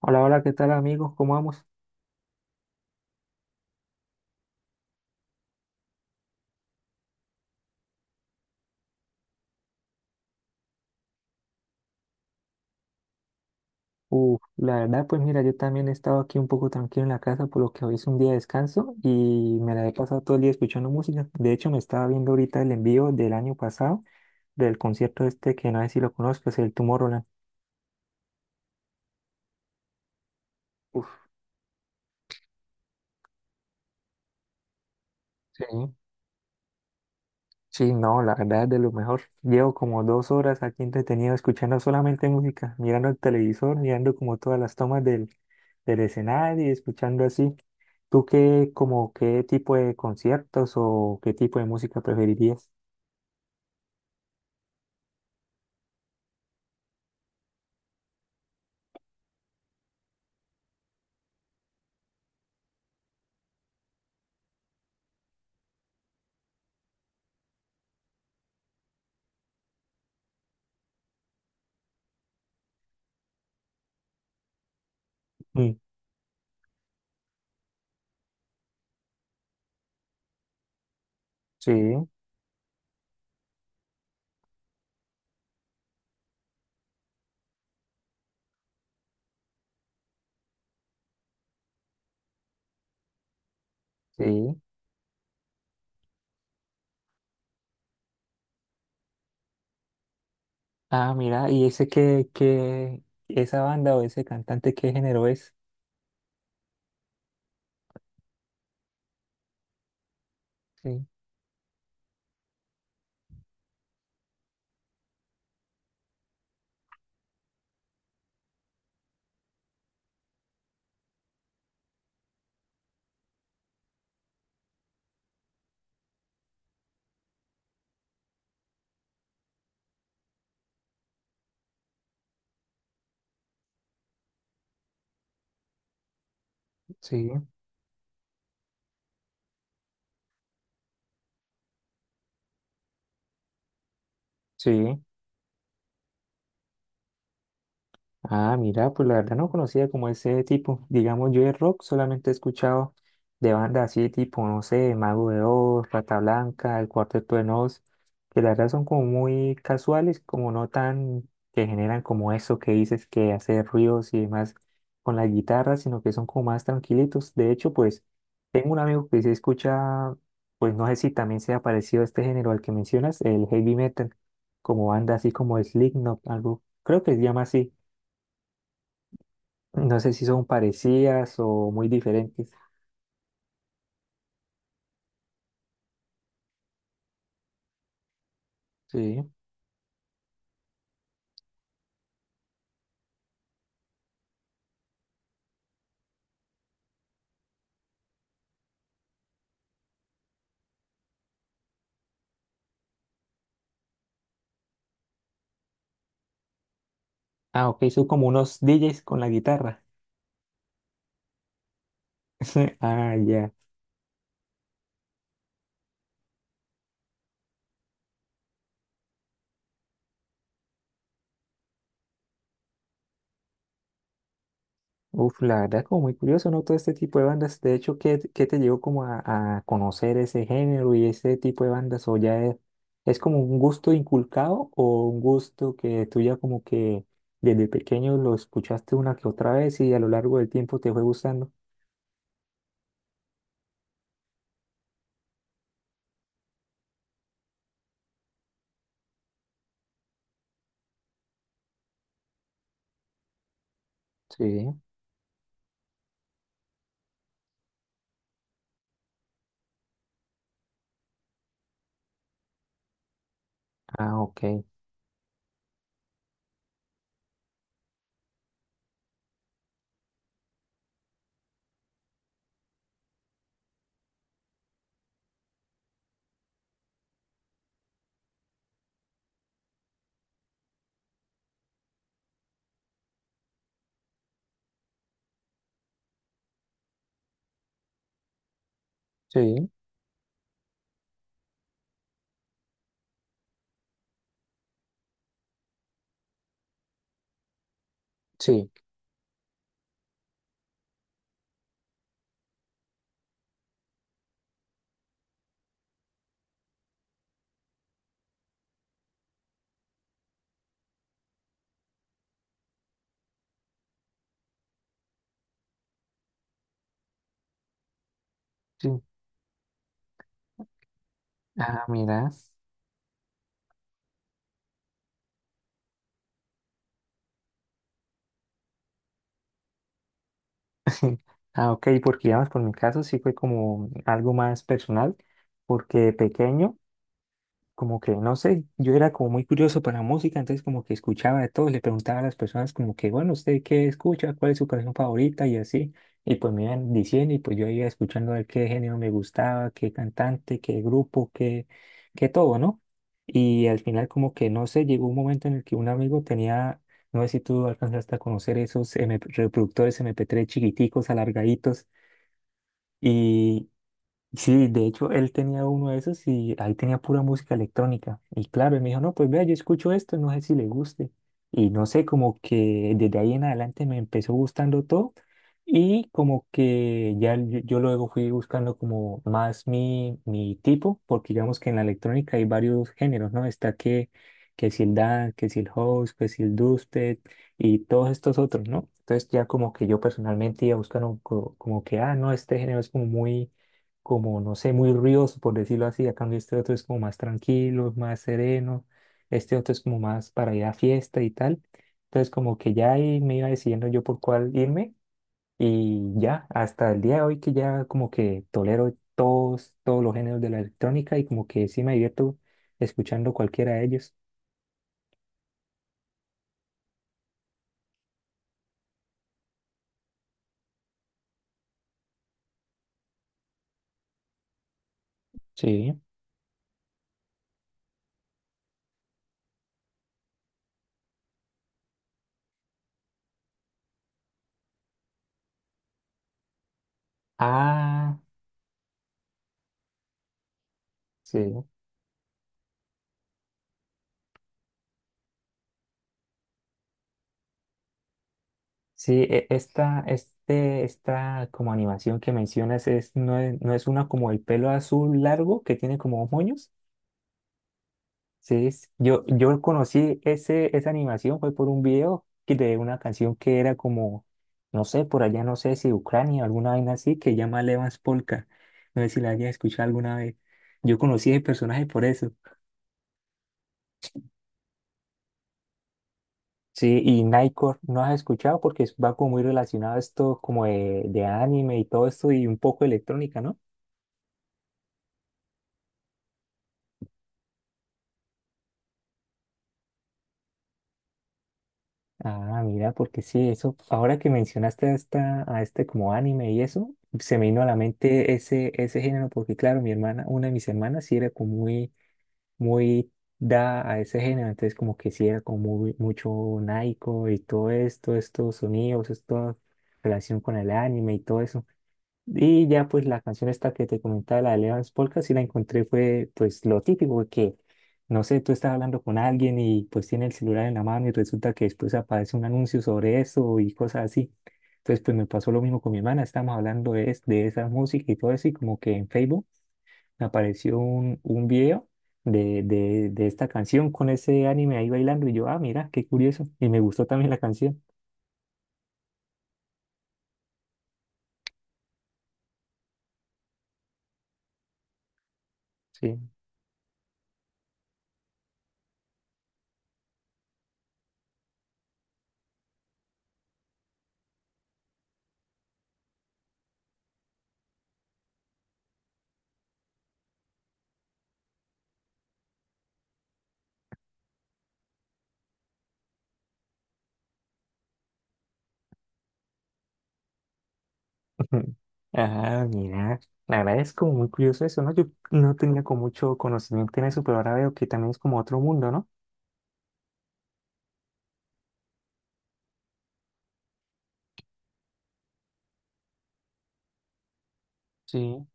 Hola, hola, ¿qué tal amigos? ¿Cómo vamos? Uf, la verdad, pues mira, yo también he estado aquí un poco tranquilo en la casa, por lo que hoy es un día de descanso y me la he pasado todo el día escuchando música. De hecho, me estaba viendo ahorita el envío del año pasado del concierto este que no sé si lo conozco, es el Tomorrowland. Uf, sí. Sí, no, la verdad es de lo mejor. Llevo como dos horas aquí entretenido escuchando solamente música, mirando el televisor, mirando como todas las tomas del escenario y escuchando así. ¿Tú qué, como qué tipo de conciertos o qué tipo de música preferirías? Mm, sí, sí. Ah, mira, ¿y esa banda o ese cantante qué género es? Sí, sí, sí. Ah, mira, pues la verdad no conocía como ese tipo. Digamos, yo de rock solamente he escuchado de bandas así tipo, no sé, Mago de Oz, Rata Blanca, El Cuarteto de Nos, que la verdad son como muy casuales, como no tan que generan como eso que dices que hace ruidos y demás con la guitarra, sino que son como más tranquilitos. De hecho, pues tengo un amigo que se escucha, pues no sé si también sea parecido a este género al que mencionas, el heavy metal, como banda así como Slipknot, algo, creo que se llama así. No sé si son parecidas o muy diferentes. Sí. Ah, ok, son como unos DJs con la guitarra. Ah, ya. Uf, la verdad, como muy curioso, ¿no? Todo este tipo de bandas. De hecho, ¿qué te llevó como a conocer ese género y ese tipo de bandas? ¿O ya es como un gusto inculcado o un gusto que tú ya como que desde pequeño lo escuchaste una que otra vez y a lo largo del tiempo te fue gustando? Sí. Ah, ok. Sí, sí, sí. Ah, mira. Ah, ok, porque digamos, por mi caso sí fue como algo más personal, porque de pequeño como que, no sé, yo era como muy curioso para la música, entonces como que escuchaba de todo, le preguntaba a las personas como que, bueno, ¿usted qué escucha? ¿Cuál es su canción favorita? Y así, y pues me iban diciendo y pues yo iba escuchando a ver qué género me gustaba, qué cantante, qué grupo, qué, qué todo, ¿no? Y al final como que, no sé, llegó un momento en el que un amigo tenía, no sé si tú alcanzaste a conocer esos MP reproductores MP3 chiquiticos, alargaditos, y sí, de hecho, él tenía uno de esos y ahí tenía pura música electrónica. Y claro, él me dijo, no, pues vea, yo escucho esto, no sé si le guste. Y no sé, como que desde ahí en adelante me empezó gustando todo y como que ya yo luego fui buscando como más mi tipo, porque digamos que en la electrónica hay varios géneros, ¿no? Está que si el dance, que si el house, que si el dubstep y todos estos otros, ¿no? Entonces ya como que yo personalmente iba buscando como que, ah, no, este género es como muy como, no sé, muy ruidoso, por decirlo así. A cambio, este otro es como más tranquilo, más sereno. Este otro es como más para ir a fiesta y tal. Entonces, como que ya ahí me iba decidiendo yo por cuál irme. Y ya, hasta el día de hoy que ya como que tolero todos los géneros de la electrónica y como que sí me divierto escuchando cualquiera de ellos. Sí. Ah, sí. Sí, esta como animación que mencionas es, no es, no es una como el pelo azul largo que tiene como moños. Sí, yo, yo conocí ese, esa animación fue por un video de una canción que era como, no sé, por allá no sé si Ucrania o alguna vaina así, que llama Levas Polka. No sé si la hayas escuchado alguna vez. Yo conocí ese personaje por eso. Sí, y Nightcore no has escuchado porque va como muy relacionado a esto como de anime y todo esto y un poco electrónica, ¿no? Ah, mira, porque sí, eso, ahora que mencionaste a, esta, a este como anime y eso, se me vino a la mente ese, ese género, porque claro, mi hermana, una de mis hermanas sí era como muy, muy da a ese género, entonces como que sí era como muy, mucho naico y todo esto, estos sonidos, esta relación con el anime y todo eso. Y ya pues la canción esta que te comentaba, la de Levance Polka, sí la encontré, fue pues lo típico que, no sé, tú estás hablando con alguien y pues tiene el celular en la mano y resulta que después aparece un anuncio sobre eso y cosas así. Entonces pues me pasó lo mismo con mi hermana, estábamos hablando de, de esa música y todo eso y como que en Facebook me apareció un video de esta canción con ese anime ahí bailando y yo, ah, mira, qué curioso. Y me gustó también la canción. Sí. Ah, mira, la verdad es como muy curioso eso, ¿no? Yo no tenía como mucho conocimiento en eso, pero ahora veo que también es como otro mundo, ¿no? Sí.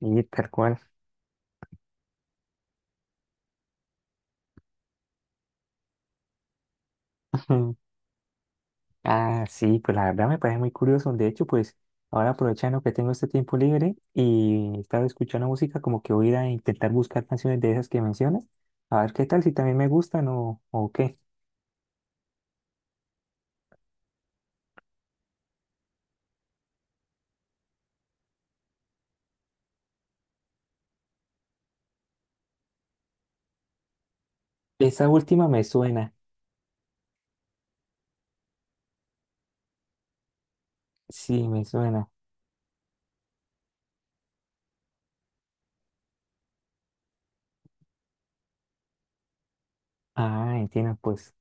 Y tal cual. Ah, sí, pues la verdad me parece muy curioso. De hecho, pues ahora aprovechando que tengo este tiempo libre y estaba escuchando música, como que voy a ir a intentar buscar canciones de esas que mencionas, a ver qué tal, si también me gustan o qué. Esa última me suena, sí, me suena. Ah, entiendo, pues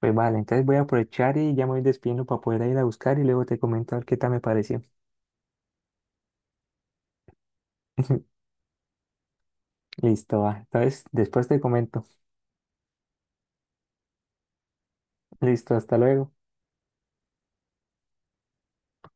pues vale, entonces voy a aprovechar y ya me voy despidiendo para poder ir a buscar y luego te comento a ver qué tal me pareció. Listo, va. Entonces, después te comento. Listo, hasta luego.